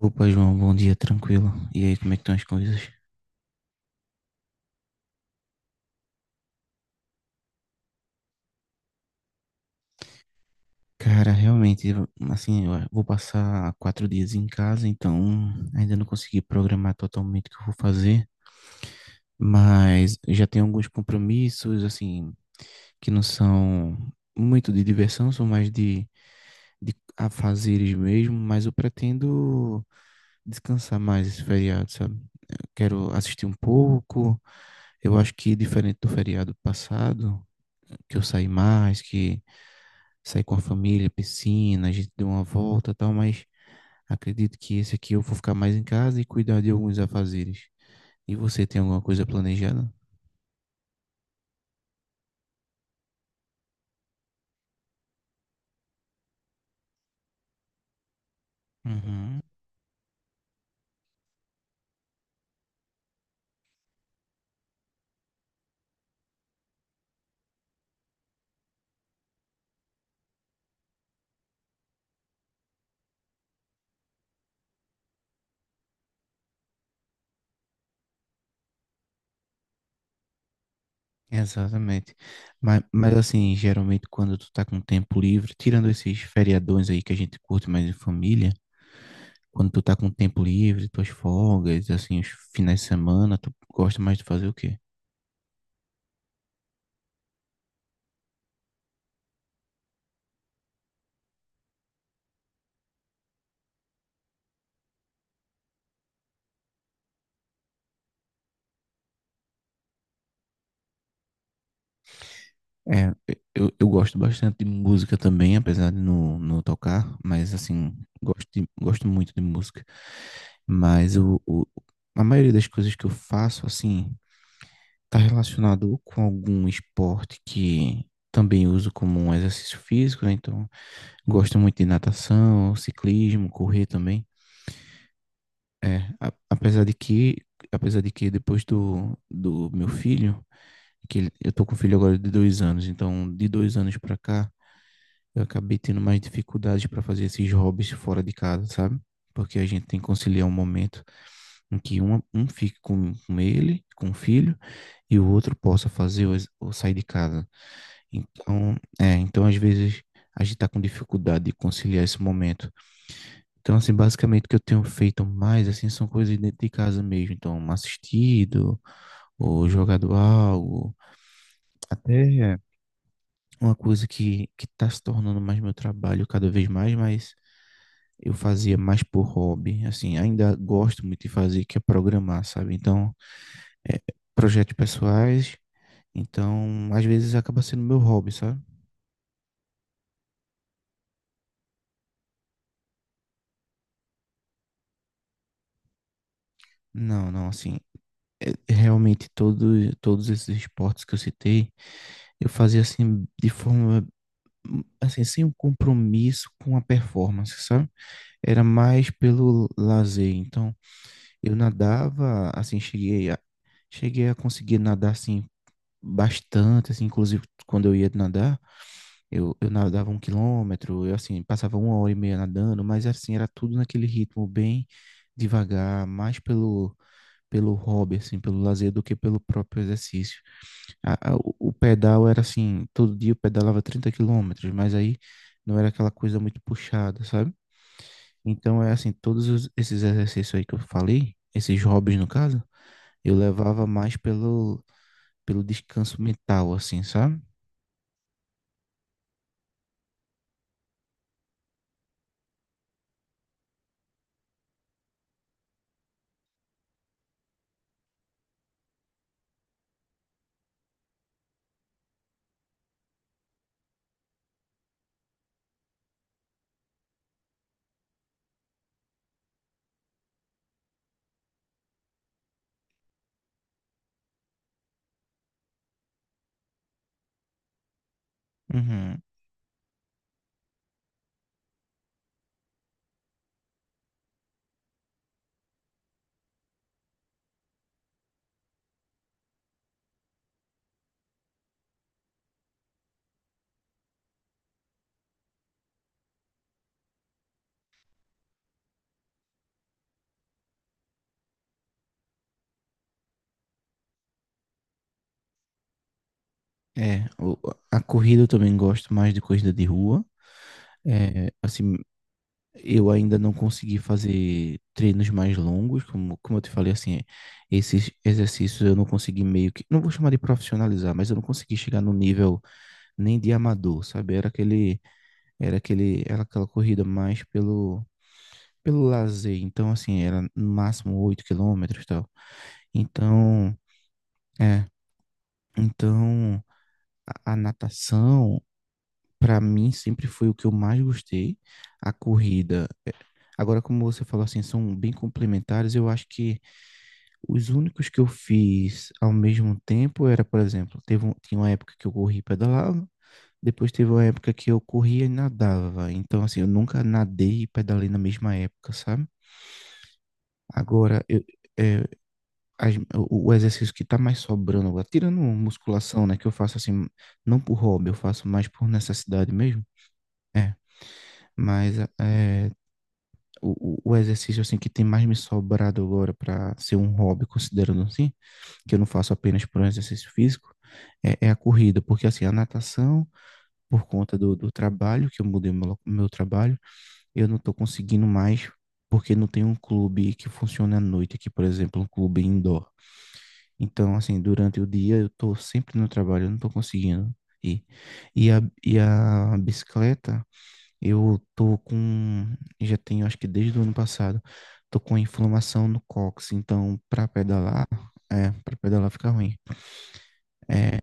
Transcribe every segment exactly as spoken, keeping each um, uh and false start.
Opa, João, bom dia, tranquilo. E aí, como é que estão as coisas? Cara, realmente, assim, eu vou passar quatro dias em casa, então ainda não consegui programar totalmente o que eu vou fazer, mas já tenho alguns compromissos, assim, que não são muito de diversão, são mais de, de afazeres mesmo, mas eu pretendo descansar mais esse feriado, sabe? Eu quero assistir um pouco. Eu acho que diferente do feriado passado, que eu saí mais, que saí com a família, piscina, a gente deu uma volta e tal, mas acredito que esse aqui eu vou ficar mais em casa e cuidar de alguns afazeres. E você tem alguma coisa planejada? Uhum, exatamente. Mas, mas assim, geralmente quando tu tá com tempo livre, tirando esses feriadões aí que a gente curte mais em família, quando tu tá com tempo livre, tuas folgas, assim, os finais de semana, tu gosta mais de fazer o quê? É, eu, eu gosto bastante de música também, apesar de não, não tocar, mas assim, gosto, de- gosto muito de música. Mas o, o- a maioria das coisas que eu faço, assim, tá relacionado com algum esporte que também uso como um exercício físico, né? Então, gosto muito de natação, ciclismo, correr também. É, a- apesar de que, apesar de que depois do, do meu filho, que ele- eu tô com um filho agora de dois anos, então de dois anos pra cá eu acabei tendo mais dificuldade para fazer esses hobbies fora de casa, sabe? Porque a gente tem que conciliar um momento em que um, um fique com, com ele, com o filho, e o outro possa fazer ou, ou sair de casa. Então, é, então às vezes a gente tá com dificuldade de conciliar esse momento. Então, assim, basicamente o que eu tenho feito mais, assim, são coisas dentro de casa mesmo. Então, assistido, ou jogado algo, até uma coisa que, que tá se tornando mais meu trabalho cada vez mais, mas eu fazia mais por hobby, assim, ainda gosto muito de fazer, que é programar, sabe? Então, é, projetos pessoais, então, às vezes acaba sendo meu hobby, sabe? Não, não, assim, é, realmente todo, todos esses esportes que eu citei, eu fazia assim, de forma, hum, assim, sem um compromisso com a performance, sabe? Era mais pelo lazer, então, eu nadava, assim, cheguei a, cheguei a conseguir nadar, assim, bastante, assim, inclusive quando eu ia nadar, Eu, eu nadava um quilômetro, eu assim, passava uma hora e meia nadando, mas assim, era tudo naquele ritmo bem devagar, mais pelo, pelo hobby, assim, pelo lazer do que pelo próprio exercício. A- a- o o pedal era assim, todo dia eu pedalava trinta quilômetros, mas aí não era aquela coisa muito puxada, sabe? Então é assim, todos os- esses exercícios aí que eu falei, esses hobbies no caso, eu levava mais pelo, pelo descanso mental, assim, sabe? Uhum. É, o- a corrida eu também gosto mais de corrida de rua. É, assim, eu ainda não consegui fazer treinos mais longos, como, como eu te falei, assim, esses exercícios eu não consegui meio que, não vou chamar de profissionalizar, mas eu não consegui chegar no nível nem de amador, sabe? Era aquele, era aquele, era aquela corrida mais pelo, pelo lazer. Então, assim, era no máximo oito quilômetros e tal. Então, é, então a a natação, para mim sempre foi o que eu mais gostei, a corrida. É, agora, como você falou assim, são bem complementares, eu acho que os únicos que eu fiz ao mesmo tempo era, por exemplo, teve um, tinha uma época que eu corri e pedalava, depois teve uma época que eu corria e nadava. Então, assim, eu nunca nadei e pedalei na mesma época, sabe? Agora, eu, é, as- o o exercício que tá mais sobrando agora, tirando musculação, né, que eu faço assim, não por hobby, eu faço mais por necessidade mesmo, é. Mas é, o, o o exercício assim que tem mais me sobrado agora para ser um hobby, considerando assim, que eu não faço apenas por um exercício físico, é, é a corrida, porque assim, a natação, por conta do, do trabalho, que eu mudei meu, meu trabalho, eu não estou conseguindo mais, porque não tem um clube que funcione à noite aqui, por exemplo, um clube indoor. Então, assim, durante o dia eu estou sempre no trabalho, eu não estou conseguindo ir. E a, e a bicicleta, eu tô com, já tenho acho que desde o ano passado, tô com inflamação no cóccix, então para pedalar, é, para pedalar fica ruim. É,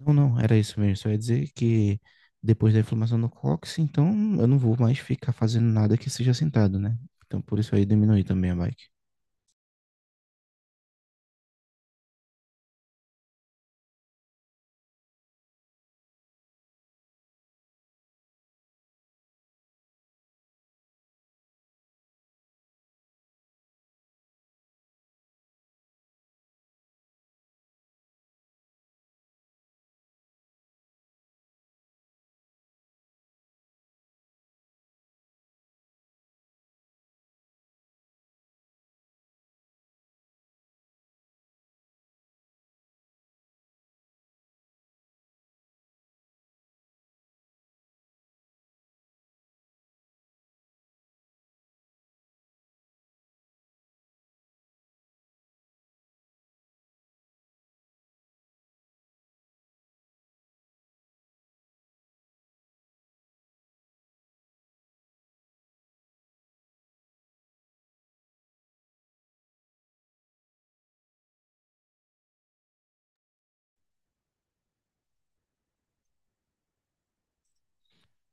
não, não, era isso mesmo. Só ia dizer que depois da inflamação no cóccix, então eu não vou mais ficar fazendo nada que seja sentado, né? Então por isso aí diminui também a bike.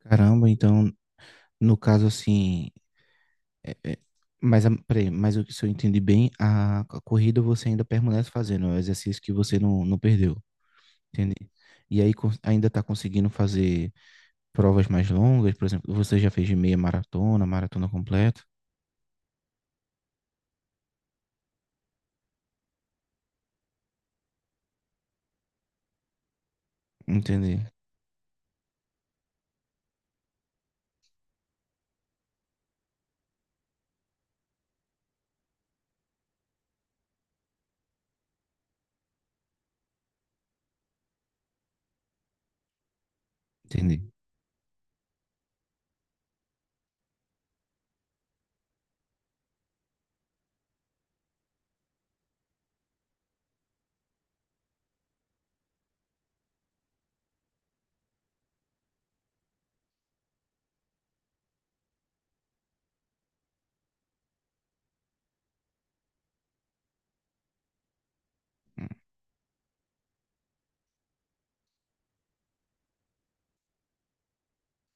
Caramba, então no caso assim, é, é, mas a- peraí, mas o que se eu entendi bem, a, a corrida você ainda permanece fazendo, é o exercício que você não, não perdeu. Entendi. E aí cons- ainda está conseguindo fazer provas mais longas, por exemplo, você já fez de meia maratona, maratona completa? Entendi, entendi.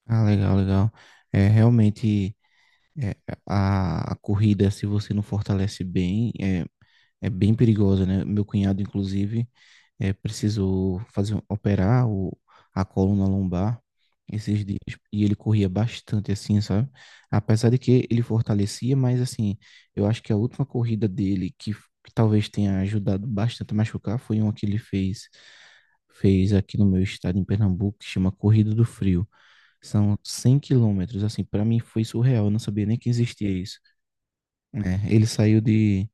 Ah, legal, legal. É realmente é, a, a corrida, se você não fortalece bem, é, é bem perigosa, né? Meu cunhado, inclusive, é, precisou fazer um, operar o, a coluna lombar esses dias e ele corria bastante assim, sabe? Apesar de que ele fortalecia, mas assim, eu acho que a última corrida dele que, f- que talvez tenha ajudado bastante a machucar foi uma que ele fez fez aqui no meu estado em Pernambuco, que chama Corrida do Frio. São cem quilômetros, assim, para mim foi surreal, eu não sabia nem que existia isso. Né? Ele saiu de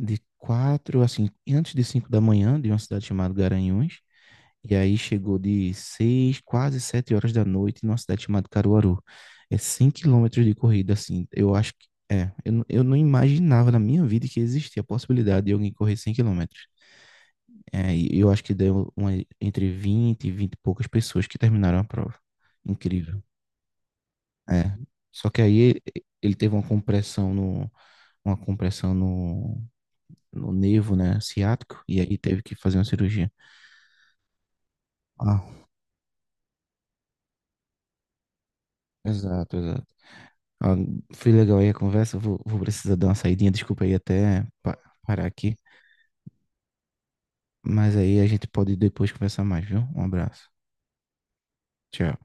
de quatro, assim, antes de cinco da manhã, de uma cidade chamada Garanhuns, e aí chegou de seis, quase sete horas da noite numa cidade chamada Caruaru. É cem quilômetros de corrida, assim. Eu acho que é. Eu, não- eu não imaginava na minha vida que existia a possibilidade de alguém correr cem quilômetros. É, e eu acho que deu uma, entre vinte e vinte e poucas pessoas que terminaram a prova. Incrível. É. Só que aí ele, ele teve uma compressão no, uma compressão no, no nervo, né, ciático, e aí teve que fazer uma cirurgia. Ah, exato, exato. Ó, foi legal aí a conversa. Eu Vou, vou precisar dar uma saidinha. Desculpa aí até pa- parar aqui. Mas aí a gente pode depois conversar mais, viu? Um abraço. Tchau.